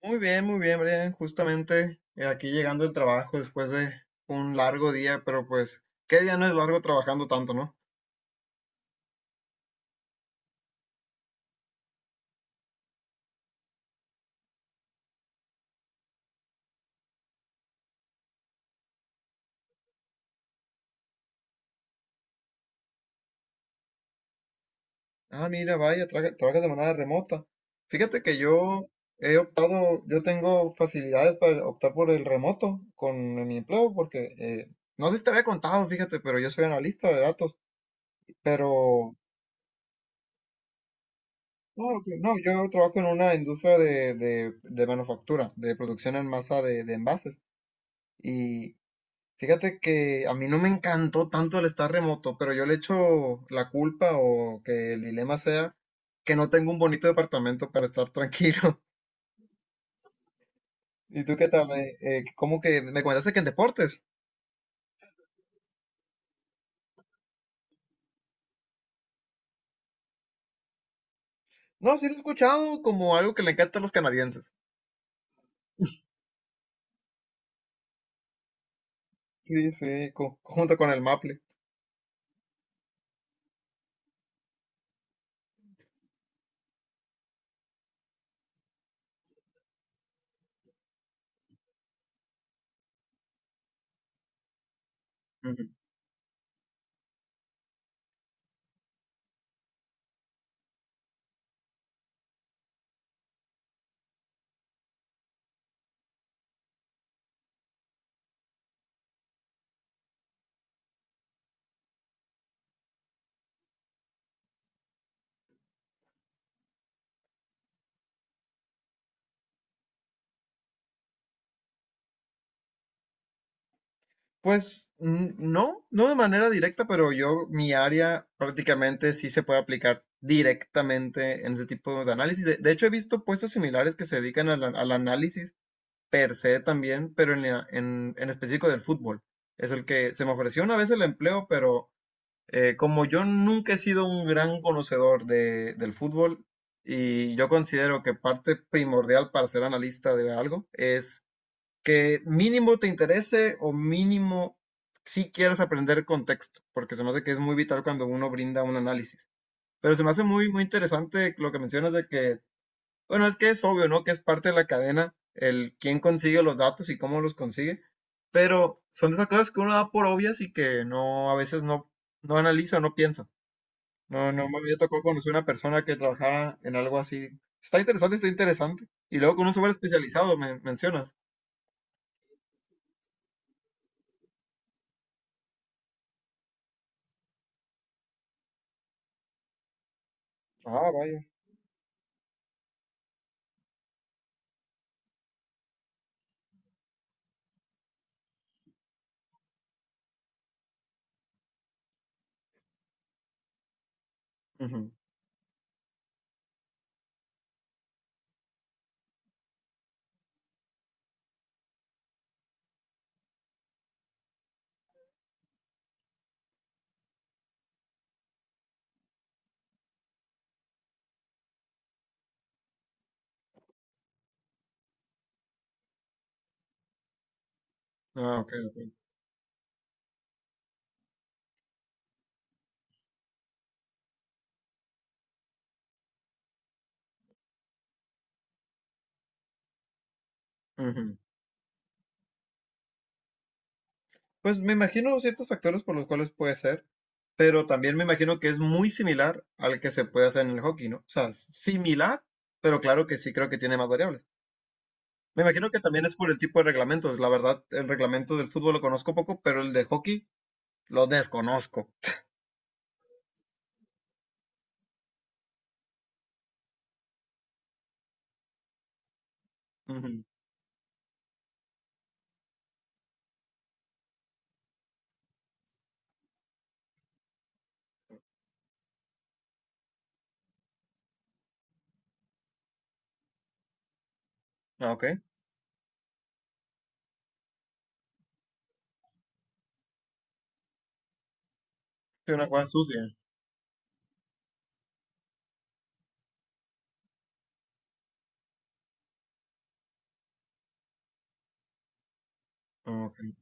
Muy bien, Brian. Justamente aquí llegando el trabajo después de un largo día, pero pues, ¿qué día no es largo trabajando tanto, no? Ah, mira, vaya, trabajas de manera remota. Fíjate que yo he optado, yo tengo facilidades para optar por el remoto con mi empleo, porque no sé si te había contado, fíjate, pero yo soy analista de datos, pero no, yo trabajo en una industria de manufactura, de producción en masa de envases. Y Fíjate que a mí no me encantó tanto el estar remoto, pero yo le echo la culpa o que el dilema sea que no tengo un bonito departamento para estar tranquilo. ¿Y tú qué tal? ¿Cómo que me comentaste que en deportes? No, sí lo he escuchado como algo que le encanta a los canadienses. Sí, sí, junto con el Maple. Ujú. Pues mm, no, no de manera directa, pero yo, mi área prácticamente sí se puede aplicar directamente en ese tipo de análisis. De hecho, he visto puestos similares que se dedican al análisis per se también, pero en específico del fútbol. Es el que se me ofreció una vez el empleo, pero como yo nunca he sido un gran conocedor de, del fútbol y yo considero que parte primordial para ser analista de algo es que mínimo te interese o mínimo si quieres aprender contexto, porque se me hace que es muy vital cuando uno brinda un análisis. Pero se me hace muy, muy interesante lo que mencionas de que bueno, es que es obvio, ¿no? Que es parte de la cadena, el quién consigue los datos y cómo los consigue, pero son de esas cosas que uno da por obvias y que no, a veces no, no analiza, no piensa. No, no me había tocado conocer una persona que trabajara en algo así. Está interesante, está interesante. Y luego con un software especializado, me mencionas. Ah, vaya. Ujú. Ah, ok, ok. Ujú. Pues me imagino ciertos factores por los cuales puede ser, pero también me imagino que es muy similar al que se puede hacer en el hockey, ¿no? O sea, similar, pero claro que sí creo que tiene más variables. Me imagino que también es por el tipo de reglamentos. La verdad, el reglamento del fútbol lo conozco poco, pero el de hockey lo desconozco. Ujú. Ah, ok. Sí, una cosa sucia. Ah, ok.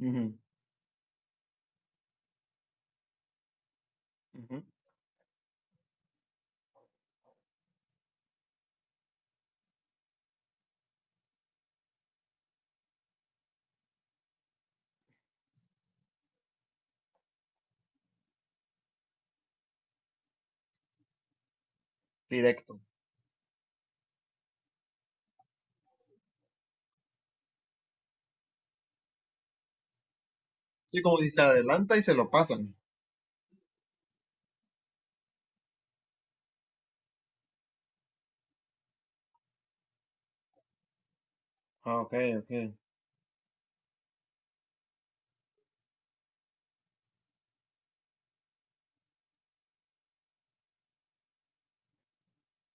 Ujú, ujú. Directo. Sí, como dice, adelanta y se lo pasan. Ah, ok, ok.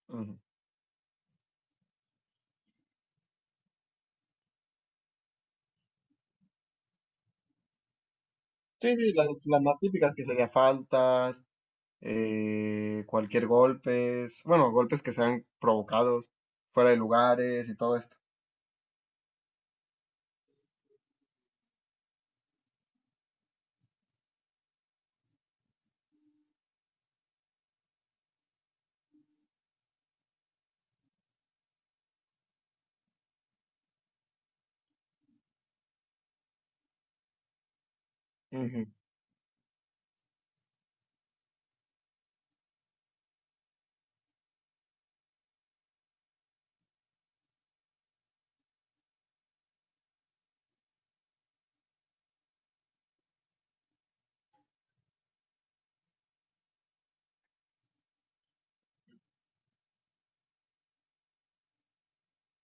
Ujú. Sí, sí, las más típicas que sería faltas. Cualquier golpes, bueno, golpes que sean provocados fuera de lugares y todo esto. Ujú,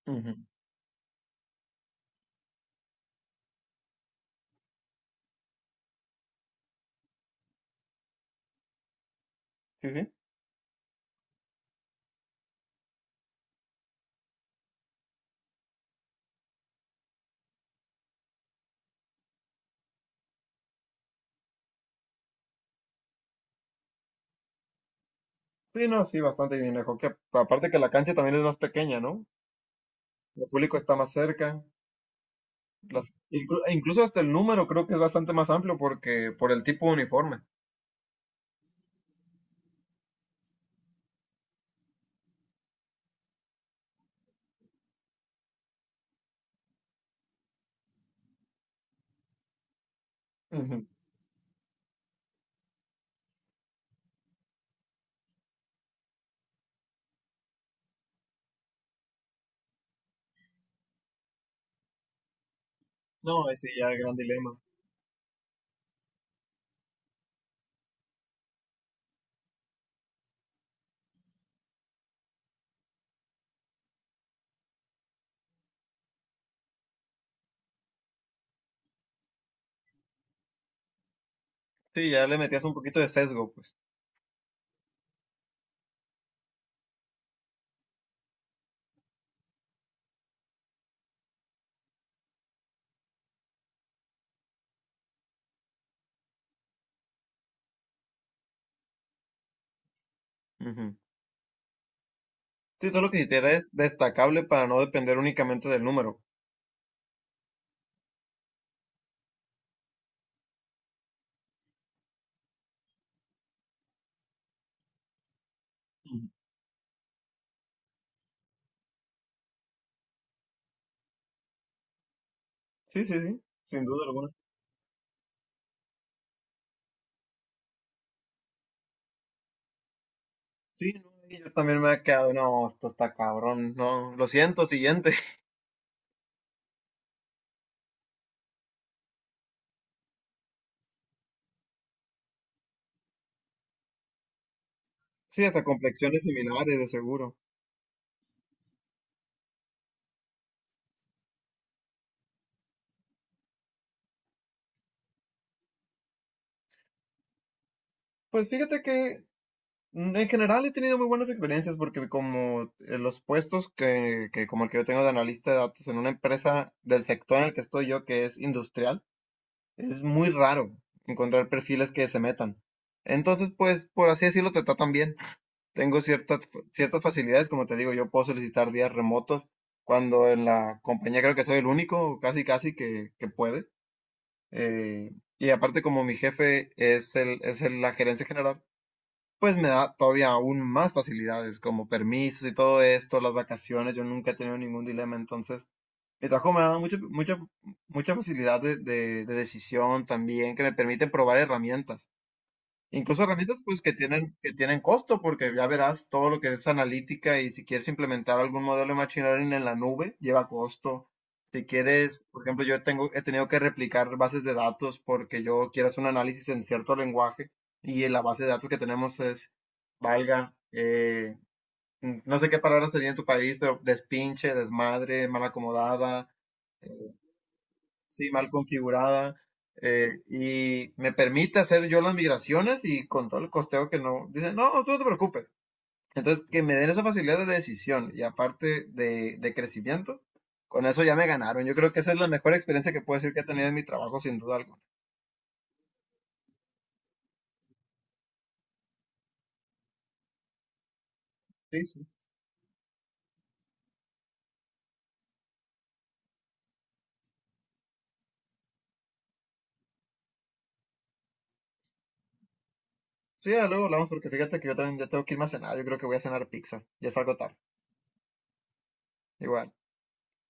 ujú. Sí, sí. Sí, no, sí, bastante bien mejor hockey. Aparte que la cancha también es más pequeña, ¿no? El público está más cerca. Las, incluso hasta el número creo que es bastante más amplio porque por el tipo de uniforme. Ujú. No, ese ya el gran dilema. Sí, ya le metías un poquito de sesgo, pues. Ujú. Sí, todo lo que hiciera es destacable para no depender únicamente del número. Ujú. Sí, sí, sí, sin duda alguna. Sí, no, y yo también me he quedado, no, esto está cabrón, no, lo siento, siguiente. Sí, hasta complexiones similares, de seguro. Pues fíjate que mm, en general he tenido muy buenas experiencias porque como los puestos que como el que yo tengo de analista de datos en una empresa del sector en el que estoy yo, que es industrial, es muy raro encontrar perfiles que se metan. Entonces, pues, por así decirlo, te tratan bien. Tengo ciertas, ciertas facilidades, como te digo, yo puedo solicitar días remotos cuando en la compañía creo que soy el único, casi casi que puede. Eh, y aparte como mi jefe la gerencia general, pues me da todavía aún más facilidades, como permisos y todo esto, las vacaciones, yo nunca he tenido ningún dilema, entonces mi trabajo me ha dado mucha facilidad de decisión también, que me permite probar herramientas. Incluso herramientas pues que tienen costo, porque ya verás todo lo que es analítica y si quieres implementar algún modelo de machine learning en la nube, lleva costo. Si quieres, por ejemplo, yo tengo, he tenido que replicar bases de datos porque yo quiero hacer un análisis en cierto lenguaje y la base de datos que tenemos es, valga, no sé qué palabra sería en tu país, pero despinche, desmadre, mal acomodada, sí, mal configurada, y me permite hacer yo las migraciones y con todo el costeo que no, dicen, no, tú no te preocupes. Entonces, que me den esa facilidad de decisión y aparte de crecimiento, con eso ya me ganaron. Yo creo que esa es la mejor experiencia que puedo decir que he tenido en mi trabajo, sin duda alguna. Sí, sí. Sí, ya luego hablamos porque fíjate que yo también ya tengo que irme a cenar. Yo creo que voy a cenar pizza. Ya salgo tarde. Igual.